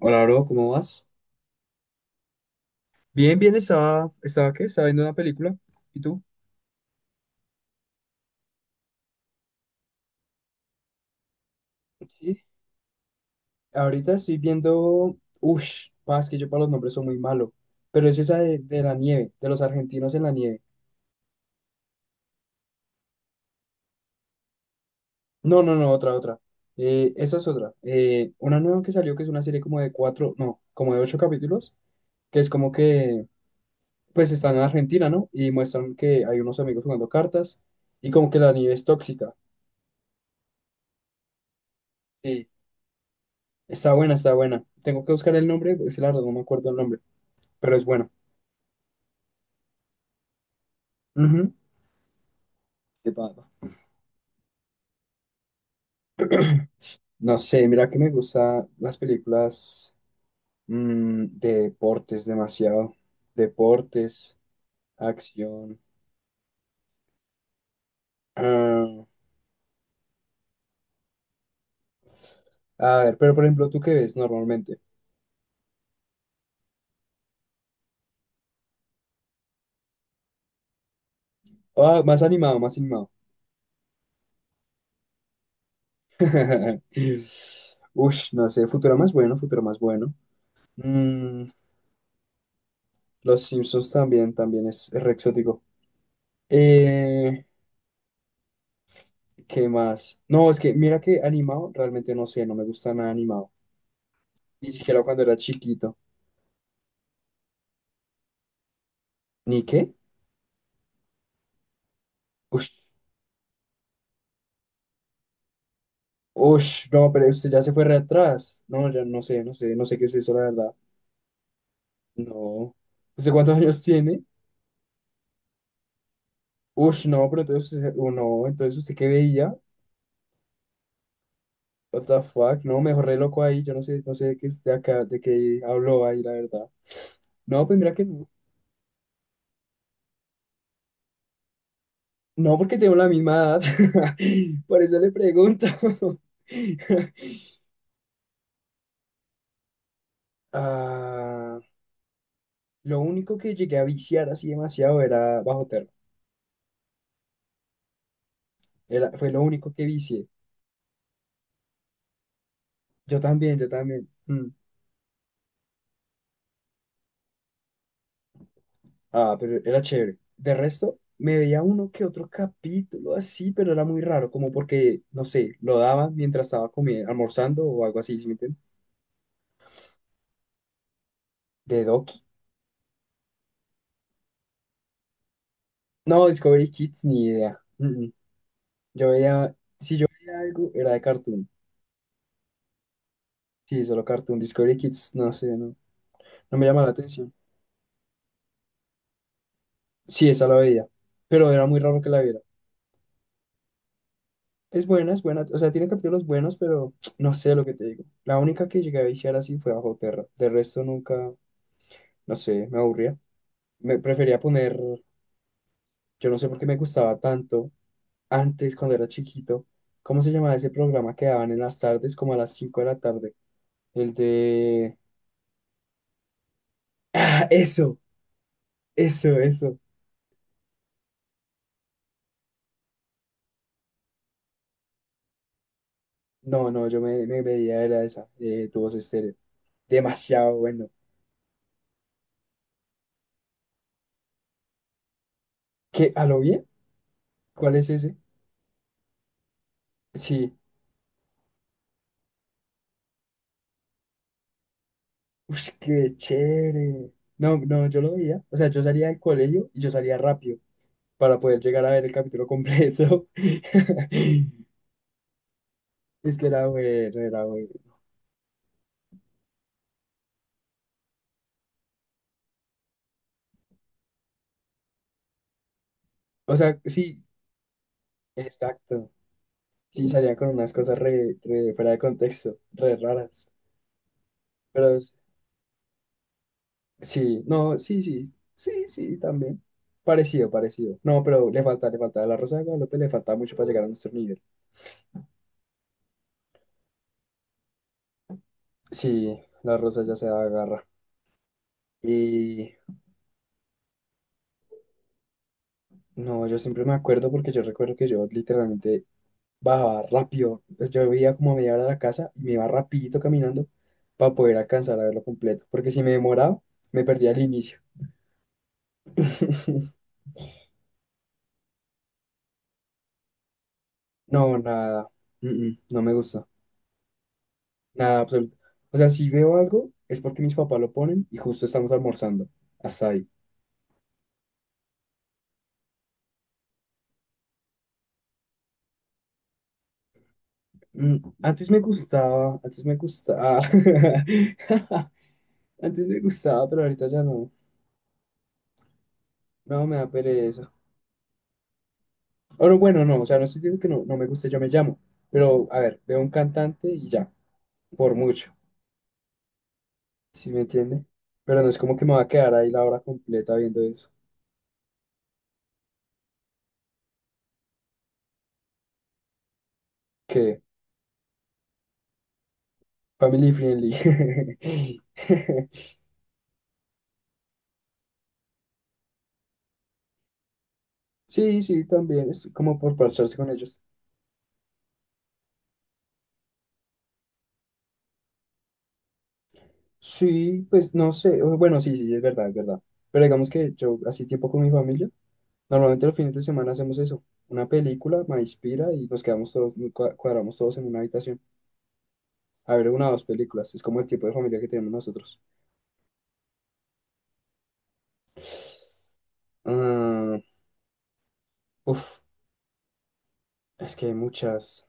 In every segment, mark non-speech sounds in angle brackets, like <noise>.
Hola, bro, ¿cómo vas? Bien, bien, ¿qué? Estaba viendo una película. ¿Y tú? Sí, ahorita estoy viendo. Ush, paz, que yo para los nombres soy muy malo. Pero es esa de la nieve, de los argentinos en la nieve. No, no, no, otra, otra. Esa es otra. Una nueva que salió que es una serie como de cuatro, no, como de ocho capítulos, que es como que, pues están en Argentina, ¿no? Y muestran que hay unos amigos jugando cartas y como que la nieve es tóxica. Sí, está buena, está buena. Tengo que buscar el nombre, porque la verdad no me acuerdo el nombre, pero es bueno. Ujú. ¿Qué pasa? No sé, mira que me gustan las películas de deportes demasiado. Deportes, acción. Ah, a ver, pero por ejemplo, ¿tú qué ves normalmente? Ah, más animado, más animado. <laughs> Ush, no sé, Futurama más bueno, Futurama más bueno. Mm, Los Simpsons también es re exótico. Eh, ¿qué más? No, es que mira que animado, realmente no sé, no me gusta nada animado. Ni siquiera cuando era chiquito. ¿Ni qué? Ush, ush, no, pero usted ya se fue re atrás. No, ya no sé, no sé, no sé qué es eso, la verdad. No. ¿Usted cuántos años tiene? Ush, no, pero entonces no, entonces ¿usted qué veía? What the fuck, no, me dejó re loco ahí, yo no sé, no sé de qué es de acá, de qué habló ahí, la verdad. No, pues mira que no. No, porque tengo la misma edad. <laughs> Por eso le pregunto. <laughs> Ah, lo único que llegué a viciar así demasiado era bajo termo. Era, fue lo único que vicié. Yo también, yo también. Mm. Ah, pero era chévere. De resto, me veía uno que otro capítulo así, pero era muy raro, como porque, no sé, lo daban mientras estaba comiendo, almorzando o algo así, ¿sí me entiendes? De Doki. No, Discovery Kids, ni idea. Mm, mm. Yo veía, si yo veía algo, era de Cartoon. Sí, solo Cartoon. Discovery Kids, no sé, no, no me llama la atención. Sí, esa la veía, pero era muy raro que la viera. Es buena, o sea, tiene capítulos buenos, pero no sé lo que te digo. La única que llegué a viciar así fue Bajo Terra. De resto nunca, no sé, me aburría. Me prefería poner, yo no sé por qué me gustaba tanto antes cuando era chiquito. ¿Cómo se llamaba ese programa que daban en las tardes, como a las 5 de la tarde? El de. ¡Ah, eso, eso, eso! No, no, yo me veía era esa, Tu Voz Estéreo. Demasiado bueno. ¿Qué? ¿A lo bien? ¿Cuál es ese? Sí. Uy, qué chévere. No, no, yo lo veía. O sea, yo salía del colegio y yo salía rápido, para poder llegar a ver el capítulo completo. <laughs> Es que era bueno, era bueno. O sea, sí, exacto. Sí, salía con unas cosas re fuera de contexto, re raras. Pero sí, no, sí, sí, sí, sí, también. Parecido, parecido. No, pero le falta, le falta. A la Rosa de Guadalupe le falta mucho para llegar a nuestro nivel. Sí, la Rosa ya se agarra. Y no, yo siempre me acuerdo porque yo recuerdo que yo literalmente bajaba rápido. Pues, yo veía como a media hora de la casa y me iba rapidito caminando para poder alcanzar a verlo completo. Porque si me demoraba, me perdía el inicio. <laughs> No, nada. No me gusta. Nada, absoluto. O sea, si veo algo, es porque mis papás lo ponen y justo estamos almorzando. Hasta ahí. Mm, antes me gustaba, antes me gustaba. <laughs> Antes me gustaba, pero ahorita ya no. No, me da pereza. Ahora bueno, no, o sea, no estoy diciendo que no, no me guste, yo me llamo. Pero, a ver, veo un cantante y ya, por mucho, ¿sí me entiende? Pero no es como que me va a quedar ahí la hora completa viendo eso. Que family friendly. <laughs> Sí, sí, también, es como por parcharse con ellos. Sí, pues no sé, bueno, sí, sí, es verdad, es verdad. Pero digamos que yo, así tiempo con mi familia, normalmente los fines de semana hacemos eso, una película, me inspira y nos quedamos todos, cuadramos todos en una habitación. A ver, una o dos películas. Es como el tipo de familia que tenemos nosotros. Ah, uf, es que hay muchas.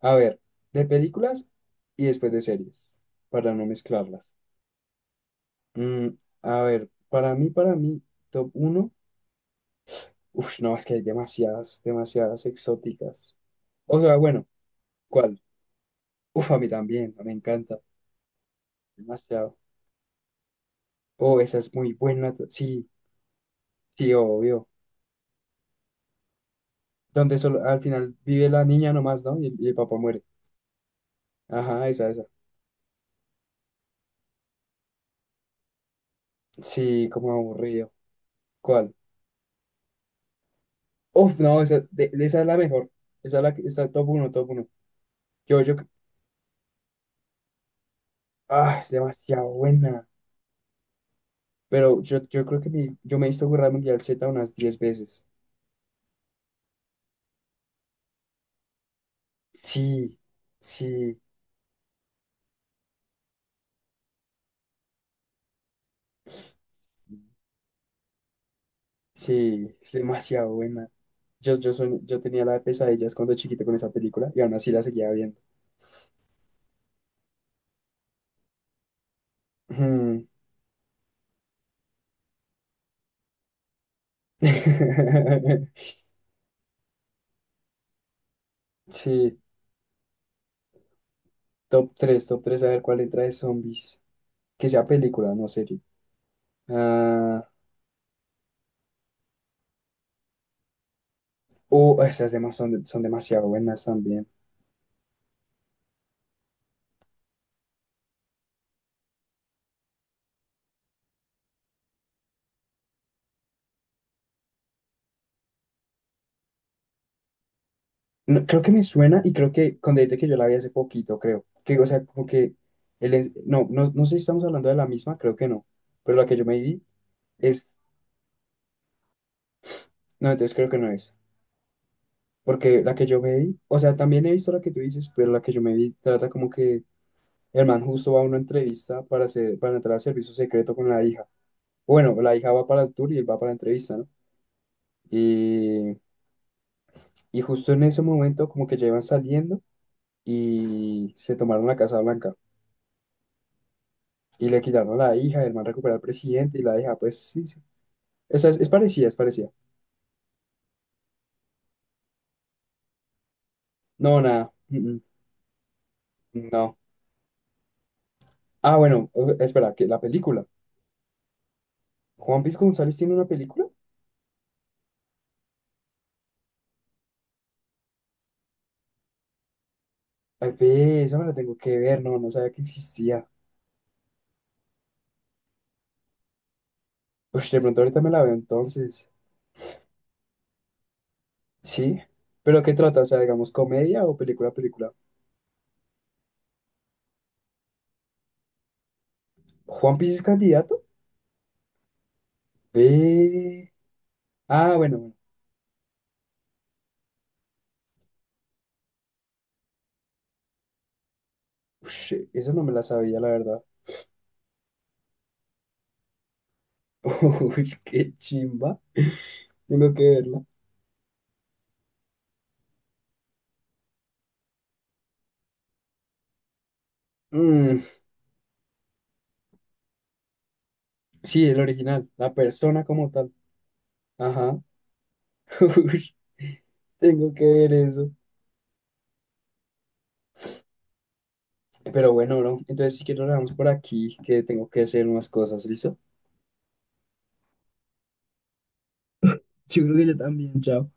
A ver, de películas y después de series, para no mezclarlas. Mm, a ver, para mí, top uno. Uf, no, es que hay demasiadas, demasiadas exóticas. O sea, bueno, ¿cuál? Uf, a mí también, me encanta. Demasiado. Oh, esa es muy buena. Sí, sí, obvio. Donde solo, al final vive la niña nomás, ¿no? Y el papá muere. Ajá, esa, esa. Sí, como aburrido. ¿Cuál? Uf, no, esa, de esa es la mejor. Esa es la que está top uno, top uno. Yo, yo, es demasiado buena. Pero yo creo que yo me he visto Guerra Mundial Z unas 10 veces. Sí, sí, sí, es demasiado buena. Yo tenía la de pesadillas cuando chiquito con esa película y aún así la seguía viendo. Mm. <laughs> Sí, top 3 a ver cuál entra de zombies. Que sea película, no serie. Ah, esas demás son demasiado buenas también. No, creo que me suena y creo que con decirte que yo la vi hace poquito, creo. Que, o sea, como que no, no, no sé si estamos hablando de la misma, creo que no. Pero la que yo me vi es. No, entonces creo que no es. Porque la que yo me vi, o sea, también he visto la que tú dices, pero la que yo me vi trata como que el man justo va a una entrevista para hacer, para entrar al servicio secreto con la hija. Bueno, la hija va para el tour y él va para la entrevista, ¿no? Y, y justo en ese momento como que ya llevan saliendo y se tomaron la Casa Blanca y le quitaron a la hija, el man recuperó al presidente y la hija, pues sí, sí. Esa es parecida, es parecida. No, nada, no. Ah, bueno, espera, que la película. ¿Juan Pisco González tiene una película? Ay, ve, esa me la tengo que ver, no, no sabía que existía. Pues de pronto ahorita me la veo entonces. Sí, pero ¿qué trata? O sea, digamos, comedia o película, película. ¿Juan Pisco es candidato? Ve. Ah, bueno, bueno. Ush, esa no me la sabía, la verdad. <laughs> Uy, qué chimba. Tengo que verla. Mm, sí, el original, la persona como tal. Ajá. <laughs> Ush, tengo que ver eso. Pero bueno, bro, entonces si quiero lo dejamos por aquí, que tengo que hacer unas cosas, ¿listo? Yo creo que yo también, chao.